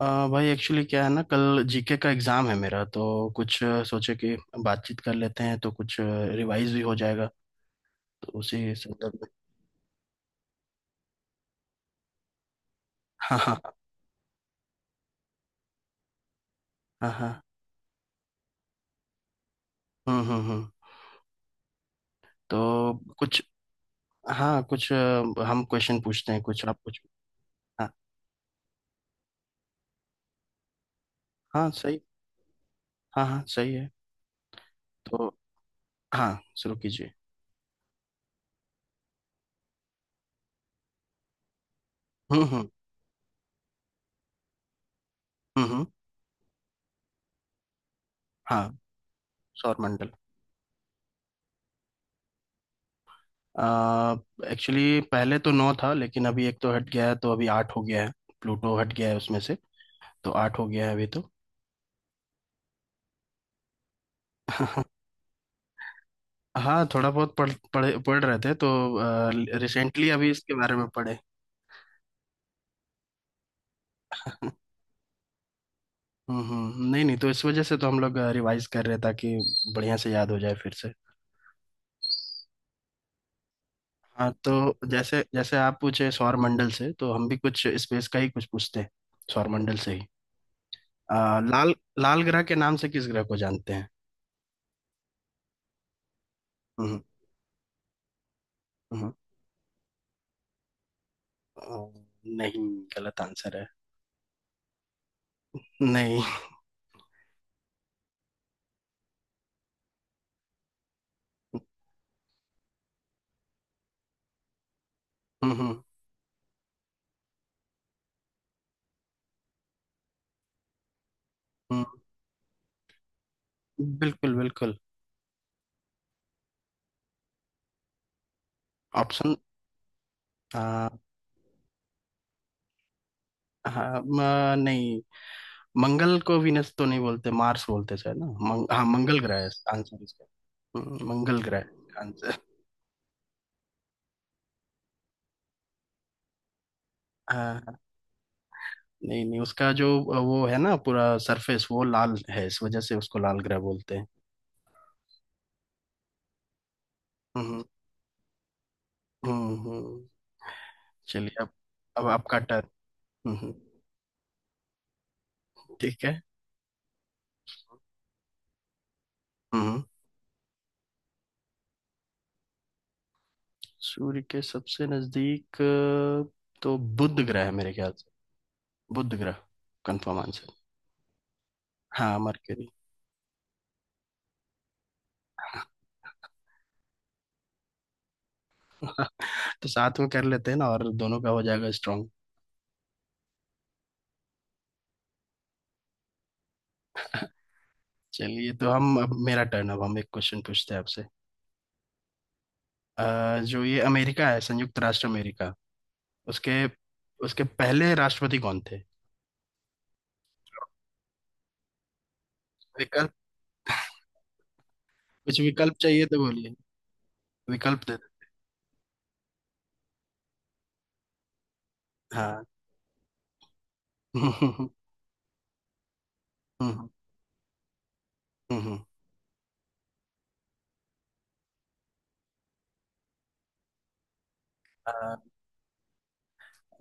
अ, भाई एक्चुअली क्या है ना, कल जीके का एग्जाम है मेरा। तो कुछ सोचे कि बातचीत कर लेते हैं तो कुछ रिवाइज भी हो जाएगा। तो उसी संदर्भ में। हाँ हाँ। हाँ हाँ। हम्म। तो कुछ। हाँ, कुछ हम क्वेश्चन पूछते हैं कुछ, आप कुछ। हाँ हाँ, सही। हाँ हाँ, सही है। तो हाँ, शुरू कीजिए। हम्म हम्म हम्म, हम्म। हाँ, सौर मंडल। एक्चुअली पहले तो नौ था, लेकिन अभी एक तो हट गया है तो अभी आठ हो गया है। प्लूटो हट गया है उसमें से। तो आठ हो गया है अभी तो। हाँ, थोड़ा बहुत पढ़ रहे थे तो रिसेंटली अभी इसके बारे में पढ़े। हम्म। नहीं नहीं, तो इस वजह से तो हम लोग रिवाइज कर रहे हैं ताकि बढ़िया से याद हो जाए फिर से। हाँ तो, जैसे जैसे आप पूछे सौर मंडल से, तो हम भी कुछ स्पेस का ही कुछ पूछते हैं, सौर मंडल से ही। लाल लाल ग्रह के नाम से किस ग्रह को जानते हैं? हम्म हम्म। अ, नहीं, गलत आंसर है। नहीं। हम्म हम्म, हम्म। बिल्कुल बिल्कुल। ऑप्शन। आ, हाँ, नहीं, मंगल को वीनस तो नहीं बोलते, मार्स बोलते शायद ना। हाँ, मंगल ग्रह है आंसर इसका। मंगल ग्रह। आंसर। हाँ हाँ, नहीं नहीं, उसका जो वो है ना, पूरा सरफेस वो लाल है, इस वजह से उसको लाल ग्रह बोलते हैं। हम्म हम्म हम्म। चलिए अब। अब आपका टर्न। हम्म हम्म, ठीक है। हम्म हम्म। सूर्य के सबसे नजदीक, तो बुध ग्रह है मेरे ख्याल से। बुध ग्रह, कंफर्म आंसर। हाँ, मरकरी। तो साथ में कर लेते हैं ना, और दोनों का हो जाएगा स्ट्रांग। चलिए, तो हम अब मेरा टर्न। अब हम एक क्वेश्चन पूछते हैं आपसे। जो ये अमेरिका है, संयुक्त राष्ट्र अमेरिका, उसके उसके पहले राष्ट्रपति कौन थे? विकल्प। कुछ विकल्प चाहिए तो बोलिए। विकल्प दे दे। हाँ। हम्म हम्म हम्म। अ,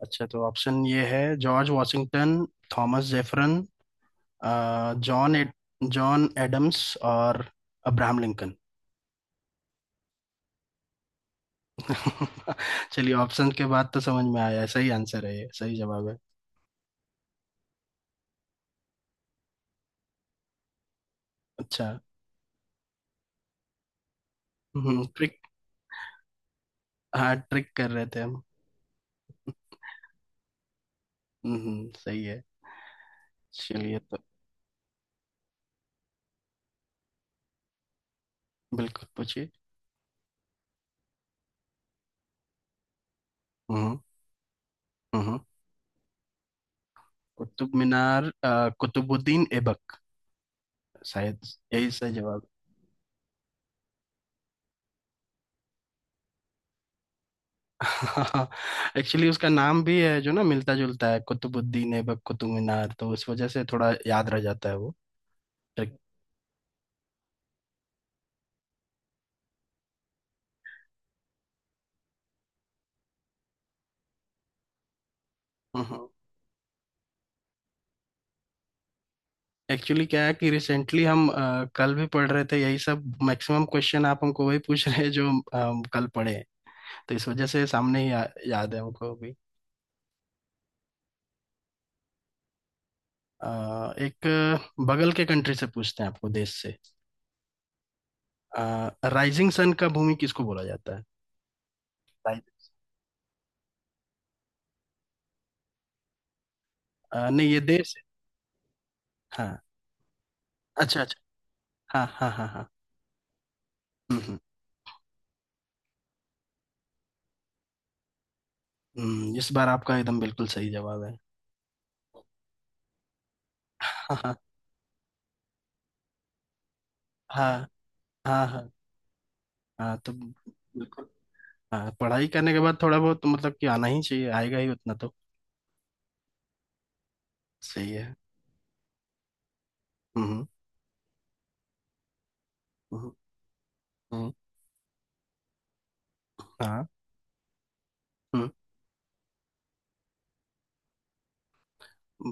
अच्छा, तो ऑप्शन ये है। जॉर्ज वॉशिंगटन, थॉमस जेफरन, अ, जॉन एड, जॉन एडम्स और अब्राहम लिंकन। चलिए, ऑप्शन के बाद तो समझ में आया। सही आंसर है ये, सही जवाब है। अच्छा। हम्म, हाँ ट्रिक कर रहे थे हम। हम्म, सही है। चलिए तो। बिल्कुल पूछिए। हम्म हम्म। कुतुब मीनार, कुतुबुद्दीन ऐबक शायद। यही सही जवाब। एक्चुअली उसका नाम भी है जो ना, मिलता जुलता है, कुतुबुद्दीन ऐबक, कुतुब मीनार, तो उस वजह से थोड़ा याद रह जाता है वो। ट्रिक। एक्चुअली क्या है कि रिसेंटली हम कल भी पढ़ रहे थे यही सब। मैक्सिमम क्वेश्चन आप हमको वही पूछ रहे हैं जो हम कल पढ़े हैं। तो इस वजह से सामने ही याद है हमको। एक बगल के कंट्री से पूछते हैं आपको, देश से। राइजिंग सन का भूमि किसको बोला जाता है? Rising- नहीं, ये देश है। हाँ, अच्छा अच्छा। हाँ हाँ, हाँ हाँ। हम्म हम्म इस बार आपका एकदम बिल्कुल सही जवाब है। हाँ हाँ, हाँ हाँ, हाँ हाँ, तो बिल्कुल। हाँ, पढ़ाई करने के बाद थोड़ा बहुत तो मतलब कि आना ही चाहिए, आएगा ही उतना तो। सही है। हम्म हम्म हम्म, हम्म, हाँ हम्म।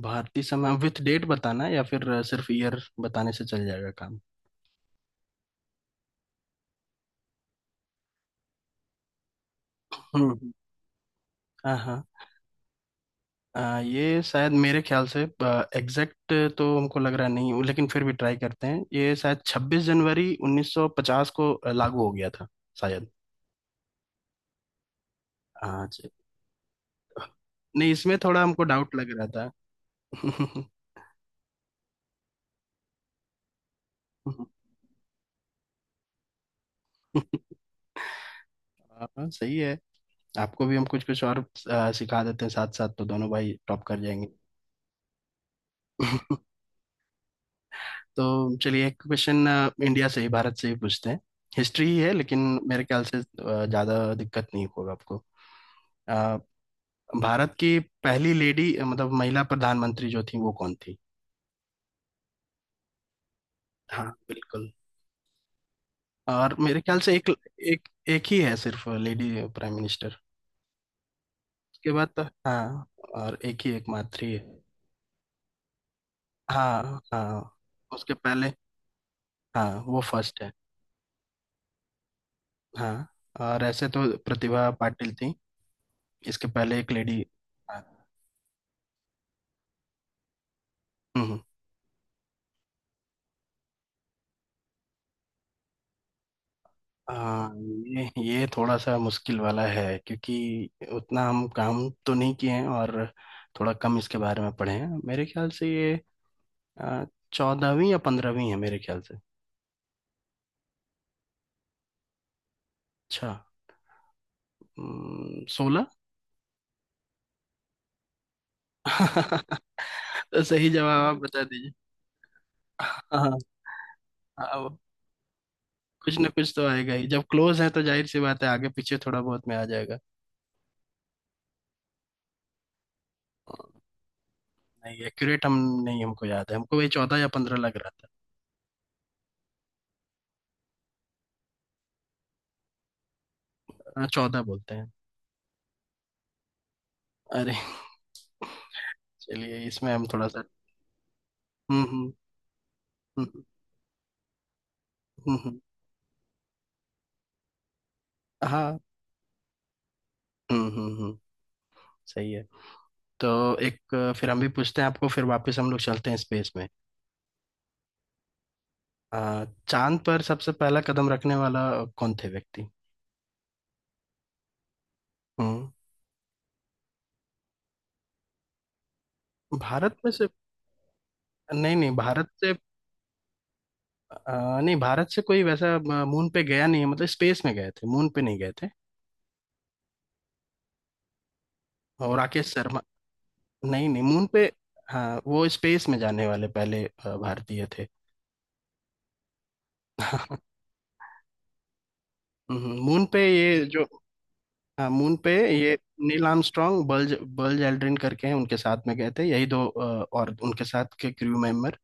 भारतीय समय विथ डेट बताना है या फिर सिर्फ ईयर बताने से चल जाएगा काम? हम्म, हाँ हाँ। ये शायद मेरे ख्याल से, एग्जैक्ट तो हमको लग रहा नहीं, लेकिन फिर भी ट्राई करते हैं, ये शायद 26 जनवरी 1950 को लागू हो गया था शायद। हाँ जी। नहीं, इसमें थोड़ा हमको डाउट लग रहा था। हाँ, सही है। आपको भी हम कुछ कुछ और सिखा देते हैं साथ साथ, तो दोनों भाई टॉप कर जाएंगे। तो चलिए, एक क्वेश्चन। इंडिया से ही, भारत से ही पूछते हैं। हिस्ट्री ही है, लेकिन मेरे ख्याल से ज़्यादा दिक्कत नहीं होगा आपको। भारत की पहली लेडी, मतलब महिला प्रधानमंत्री जो थी वो कौन थी? हाँ, बिल्कुल। और मेरे ख्याल से एक एक एक ही है सिर्फ, लेडी प्राइम मिनिस्टर। उसके बाद तो, हाँ। और एक ही, एकमात्र ही है। हाँ हाँ, उसके पहले। हाँ, वो फर्स्ट है। हाँ, और ऐसे तो प्रतिभा पाटिल थी, इसके पहले एक लेडी। हाँ, हम्म। हाँ, ये थोड़ा सा मुश्किल वाला है, क्योंकि उतना हम काम तो नहीं किए हैं, और थोड़ा कम इसके बारे में पढ़े हैं। मेरे ख्याल से ये 14वीं या 15वीं है, मेरे ख्याल से। अच्छा, 16? तो सही जवाब आप बता दीजिए। हाँ, अब कुछ ना कुछ तो आएगा ही, जब क्लोज है तो जाहिर सी बात है, आगे पीछे थोड़ा बहुत में आ जाएगा। नहीं, एक्यूरेट हम नहीं, हमको याद है, हमको वही 14 या 15 लग रहा था। 14 बोलते हैं। अरे! चलिए, इसमें हम थोड़ा सा। हम्म हम्म हम्म, हम्म हम्म, हाँ हम्म, सही है। तो एक फिर हम भी पूछते हैं आपको। फिर वापस हम लोग चलते हैं स्पेस में। चांद पर सबसे पहला कदम रखने वाला कौन थे व्यक्ति? हम्म, भारत में से। नहीं नहीं, भारत से। नहीं, भारत से कोई वैसा मून पे गया नहीं है। मतलब स्पेस में गए थे, मून पे नहीं गए थे। और राकेश शर्मा। नहीं नहीं, मून पे। हाँ, वो स्पेस में जाने वाले पहले भारतीय थे। मून पे ये जो। हाँ, मून पे ये Neil Armstrong, Buzz Buzz Aldrin करके हैं, उनके साथ में गए थे, यही दो और उनके साथ के क्रू मेंबर,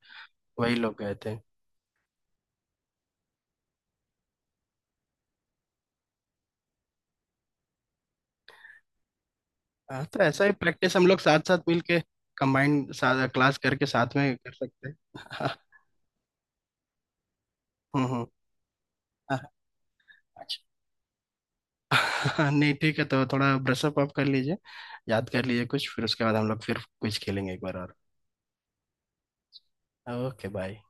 वही लोग गए थे। हाँ, तो ऐसा ही प्रैक्टिस हम लोग साथ साथ मिल के, कंबाइंड क्लास करके साथ में कर सकते हैं। हाँ, हम्म। हाँ। अच्छा। नहीं, ठीक है तो थोड़ा ब्रशअप अप कर लीजिए, याद कर लीजिए कुछ, फिर उसके बाद हम लोग फिर कुछ खेलेंगे एक बार और। Okay, bye.